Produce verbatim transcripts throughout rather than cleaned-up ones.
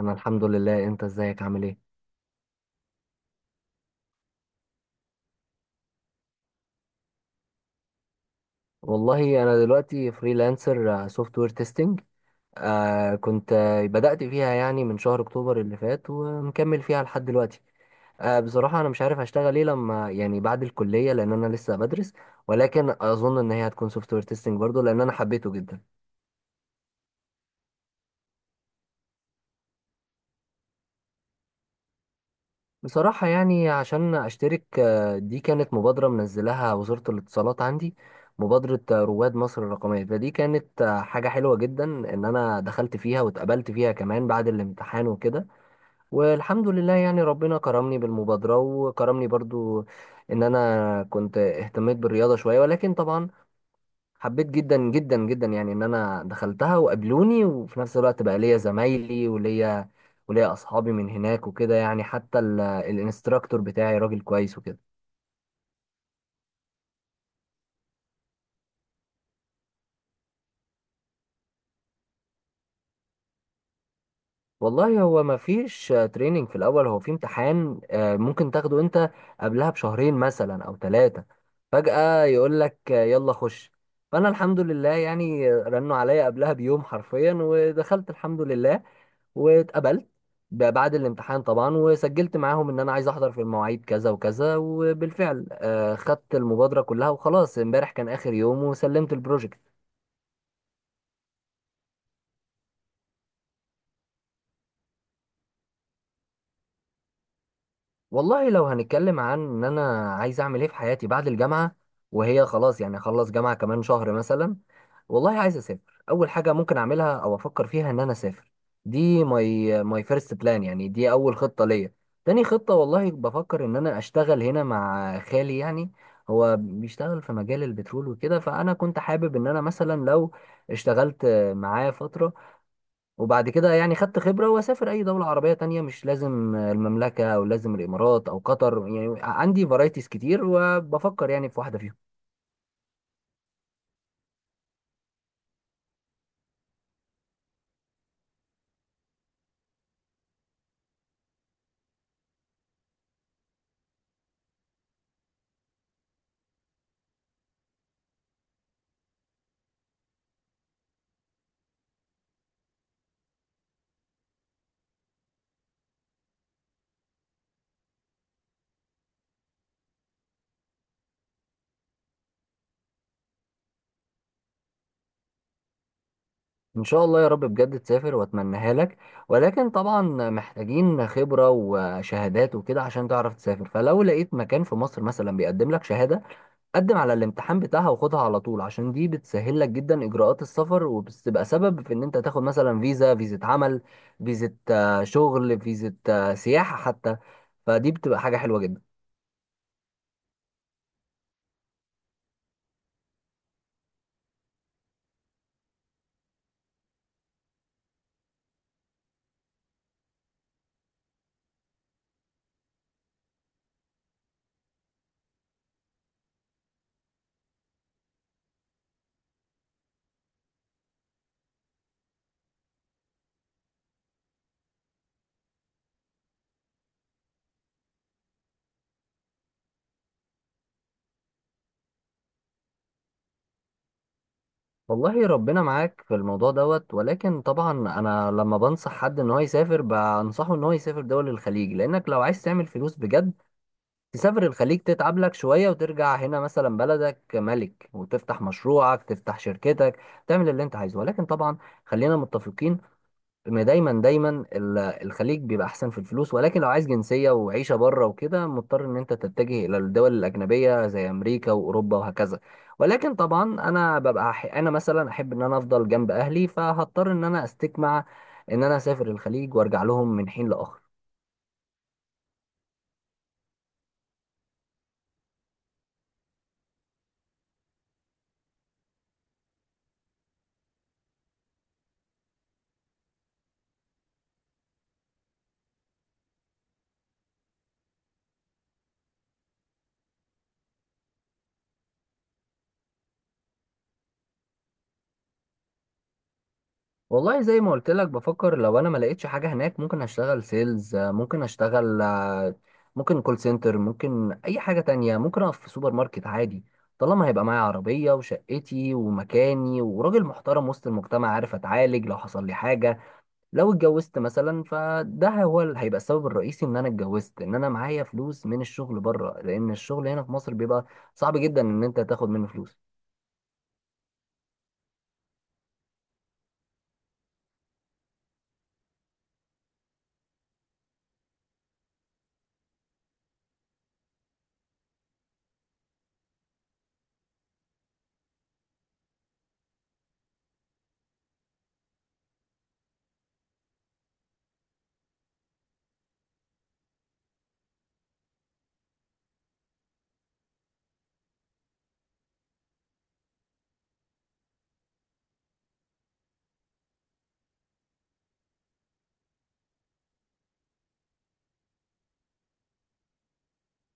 انا الحمد لله، انت ازيك عامل ايه؟ والله انا دلوقتي فريلانسر سوفت وير تيستنج. آه كنت آه، بدأت فيها يعني من شهر اكتوبر اللي فات، ومكمل فيها لحد دلوقتي. آه بصراحة انا مش عارف هشتغل ايه لما يعني بعد الكلية، لان انا لسه بدرس. ولكن اظن ان هي هتكون سوفت وير تيستنج برضو، لان انا حبيته جدا. بصراحة يعني عشان أشترك، آه، دي كانت مبادرة منزلها وزارة الاتصالات عندي. مبادرة آه، رواد مصر الرقمية، فدي كانت آه، حاجة حلوة جدا إن أنا دخلت فيها واتقبلت فيها كمان بعد الامتحان وكده. والحمد لله يعني ربنا كرمني بالمبادرة، وكرمني برضو إن أنا كنت اهتميت بالرياضة شوية، ولكن طبعا حبيت جدا جدا جدا يعني ان انا دخلتها وقابلوني، وفي نفس الوقت بقى ليا زمايلي وليا وليا اصحابي من هناك وكده، يعني حتى ال- الانستراكتور بتاعي راجل كويس وكده. والله هو ما فيش تريننج في الاول، هو في امتحان آه، ممكن تاخده انت قبلها بشهرين مثلا او ثلاثة. فجأة يقول لك آه، يلا خش. فانا الحمد لله يعني رنوا عليا قبلها بيوم حرفيا، ودخلت الحمد لله واتقبلت ب- بعد الامتحان طبعا، وسجلت معاهم ان انا عايز احضر في المواعيد كذا وكذا، وبالفعل آه، خدت المبادرة كلها، وخلاص امبارح كان اخر يوم وسلمت البروجكت. والله لو هنتكلم عن ان انا عايز اعمل ايه في حياتي بعد الجامعه، وهي خلاص يعني اخلص جامعه كمان شهر مثلا. والله عايز اسافر، اول حاجه ممكن اعملها او افكر فيها ان انا اسافر. دي ماي ماي فيرست بلان، يعني دي اول خطه ليا. تاني خطه، والله بفكر ان انا اشتغل هنا مع خالي، يعني هو بيشتغل في مجال البترول وكده، فانا كنت حابب ان انا مثلا لو اشتغلت معاه فتره، وبعد كده يعني خدت خبرة واسافر اي دولة عربية تانية، مش لازم المملكة او لازم الامارات او قطر. يعني عندي فرايتيز كتير، وبفكر يعني في واحدة فيهم. ان شاء الله يا رب بجد تسافر، واتمناها لك. ولكن طبعا محتاجين خبرة وشهادات وكده عشان تعرف تسافر. فلو لقيت مكان في مصر مثلا بيقدم لك شهادة، قدم على الامتحان بتاعها وخدها على طول، عشان دي بتسهل لك جدا اجراءات السفر، وبتبقى سبب في ان انت تاخد مثلا فيزا، فيزا عمل، فيزا آه، شغل، فيزا آه، سياحة حتى. فدي بتبقى حاجة حلوة جدا. والله ربنا معاك في الموضوع دوت. ولكن طبعا انا لما بنصح حد ان هو يسافر، بنصحه ان هو يسافر دول الخليج، لانك لو عايز تعمل فلوس بجد تسافر الخليج، تتعب لك شوية وترجع هنا مثلا بلدك ملك، وتفتح مشروعك، تفتح شركتك، تعمل اللي انت عايزه. ولكن طبعا خلينا متفقين، ما دايما دايما ال- الخليج بيبقى احسن في الفلوس. ولكن لو عايز جنسيه وعيشه بره وكده، مضطر ان انت تتجه الى الدول الاجنبيه زي امريكا واوروبا وهكذا. ولكن طبعا انا ببقى أح انا مثلا احب ان انا افضل جنب اهلي، فهضطر ان انا استجمع ان انا اسافر الخليج وارجع لهم من حين لاخر. والله زي ما قلت لك، بفكر لو انا ما لقيتش حاجه هناك، ممكن اشتغل سيلز، ممكن اشتغل آه، ممكن كول سنتر، ممكن اي حاجه تانية، ممكن اقف في سوبر ماركت عادي. طالما هيبقى معايا عربيه وشقتي ومكاني، وراجل محترم وسط المجتمع، عارف اتعالج لو حصل لي حاجه، لو اتجوزت مثلا. فده هو اللي هيبقى السبب الرئيسي ان انا اتجوزت، ان انا معايا فلوس من الشغل بره، لان الشغل هنا في مصر بيبقى صعب جدا ان انت تاخد منه فلوس.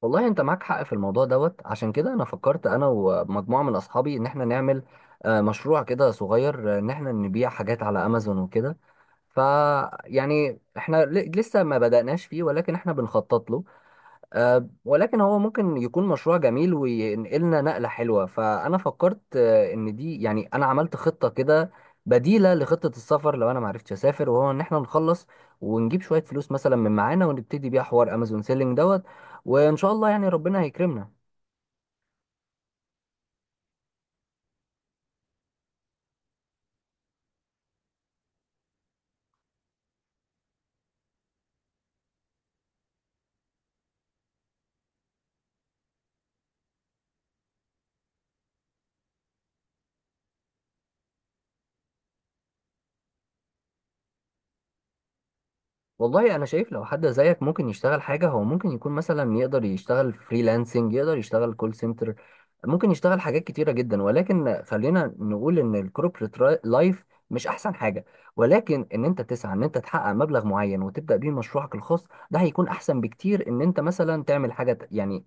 والله انت معاك حق في الموضوع دوت. عشان كده انا فكرت انا ومجموعه من اصحابي ان احنا نعمل آه، مشروع كده صغير، آه، ان احنا نبيع حاجات على امازون وكده. ف يعني احنا ل- لسه ما بدأناش فيه، ولكن احنا بنخطط له. آه، ولكن هو ممكن يكون مشروع جميل وينقلنا نقلة حلوة. فأنا فكرت آه، إن دي، يعني أنا عملت خطة كده بديلة لخطة السفر لو أنا معرفتش أسافر، وهو إن إحنا نخلص ونجيب شوية فلوس مثلا من معانا، ونبتدي بيها حوار أمازون سيلينج دوت. وإن شاء الله يعني ربنا هيكرمنا. والله انا شايف لو حد زيك ممكن يشتغل حاجه، هو ممكن يكون مثلا يقدر يشتغل فريلانسنج، يقدر يشتغل كول سنتر، ممكن يشتغل حاجات كتيره جدا. ولكن خلينا نقول ان الكوربريت لايف مش احسن حاجه. ولكن ان انت تسعى ان انت تحقق مبلغ معين وتبدا بيه مشروعك الخاص، ده هيكون احسن بكتير ان انت مثلا تعمل حاجه. يعني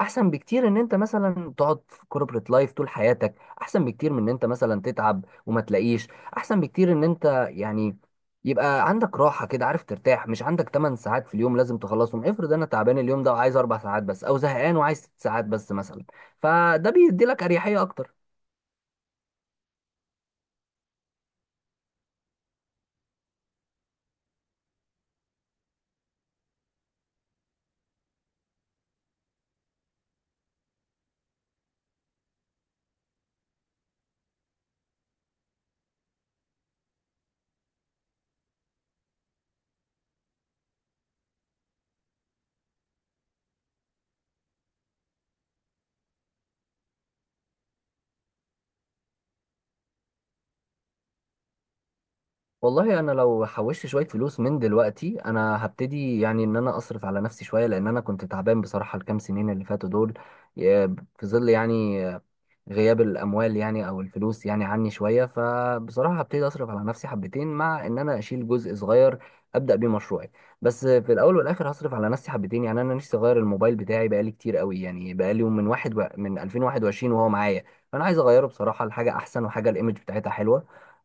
احسن بكتير ان انت مثلا تقعد في كوربريت لايف طول حياتك، احسن بكتير من ان انت مثلا تتعب وما تلاقيش، احسن بكتير ان انت يعني يبقى عندك راحة كده، عارف ترتاح، مش عندك 8 ساعات في اليوم لازم تخلصهم. افرض انا تعبان اليوم ده وعايز 4 ساعات بس، او زهقان وعايز 6 ساعات بس مثلا. فده بيدي لك اريحية اكتر. والله انا لو حوشت شوية فلوس من دلوقتي، انا هبتدي يعني ان انا اصرف على نفسي شوية، لان انا كنت تعبان بصراحة الكام سنين اللي فاتوا دول، ي- في ظل يعني غياب الاموال، يعني او الفلوس يعني عني شويه. فبصراحه هبتدي اصرف على نفسي حبتين، مع ان انا اشيل جزء صغير ابدا بيه مشروعي. بس في الاول والاخر هصرف على نفسي حبتين، يعني انا نفسي اغير الموبايل بتاعي بقالي كتير قوي، يعني بقالي من واحد و... من الفين وواحد وعشرين وهو معايا. فانا عايز اغيره بصراحه لحاجه احسن، وحاجه الايمج بتاعتها حلوه.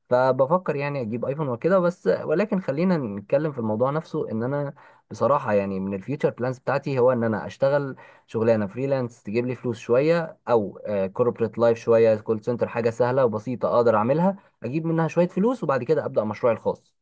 فبفكر يعني اجيب ايفون وكده بس. ولكن خلينا نتكلم في الموضوع نفسه، ان انا بصراحه يعني من الفيوتشر بلانز بتاعتي هو ان انا اشتغل شغلانه فريلانس تجيب لي فلوس شويه، او كوربريت لايف شويه، كول سنتر حاجه سهله وبسيطه اقدر اعملها، اجيب منها شويه فلوس، وبعد كده ابدا مشروعي الخاص.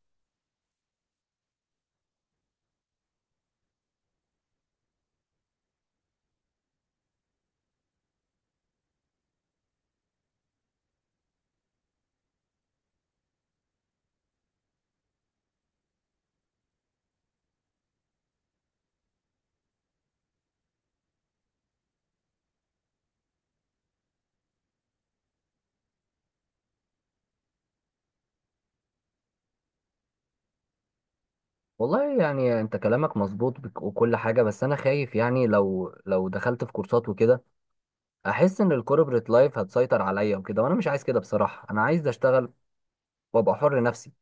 والله يعني انت كلامك مظبوط بك- وكل حاجه، بس انا خايف يعني لو لو دخلت في كورسات وكده، احس ان الكوربريت لايف هتسيطر عليا وكده، وانا مش عايز كده بصراحه. انا عايز اشتغل وابقى حر نفسي.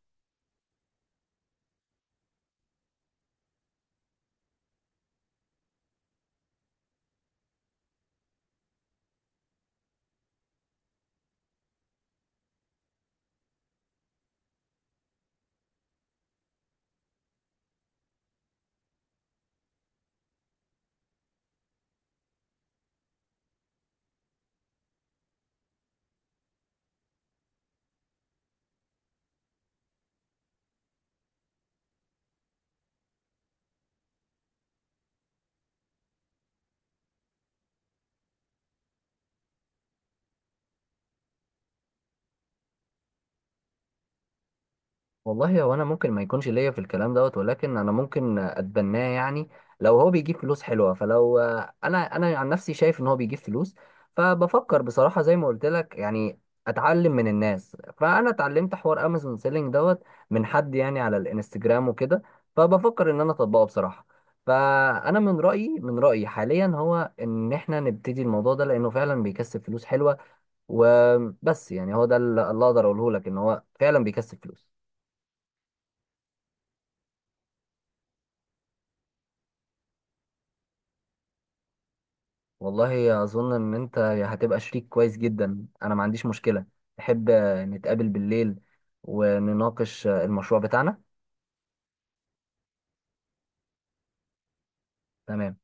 والله هو انا ممكن ما يكونش ليا في الكلام دوت، ولكن انا ممكن اتبناه يعني لو هو بيجيب فلوس حلوه. فلو انا انا عن نفسي شايف ان هو بيجيب فلوس. فبفكر بصراحه زي ما قلت لك، يعني اتعلم من الناس. فانا اتعلمت حوار امازون سيلينج دوت من حد يعني على الانستجرام وكده. فبفكر ان انا اطبقه بصراحه. فانا من رايي من رايي حاليا هو ان احنا نبتدي الموضوع ده، لانه فعلا بيكسب فلوس حلوه. وبس يعني هو ده اللي اللي اقدر اقوله لك، ان هو فعلا بيكسب فلوس. والله اظن ان انت هتبقى شريك كويس جدا، انا ما عنديش مشكلة. تحب نتقابل بالليل ونناقش المشروع بتاعنا؟ تمام.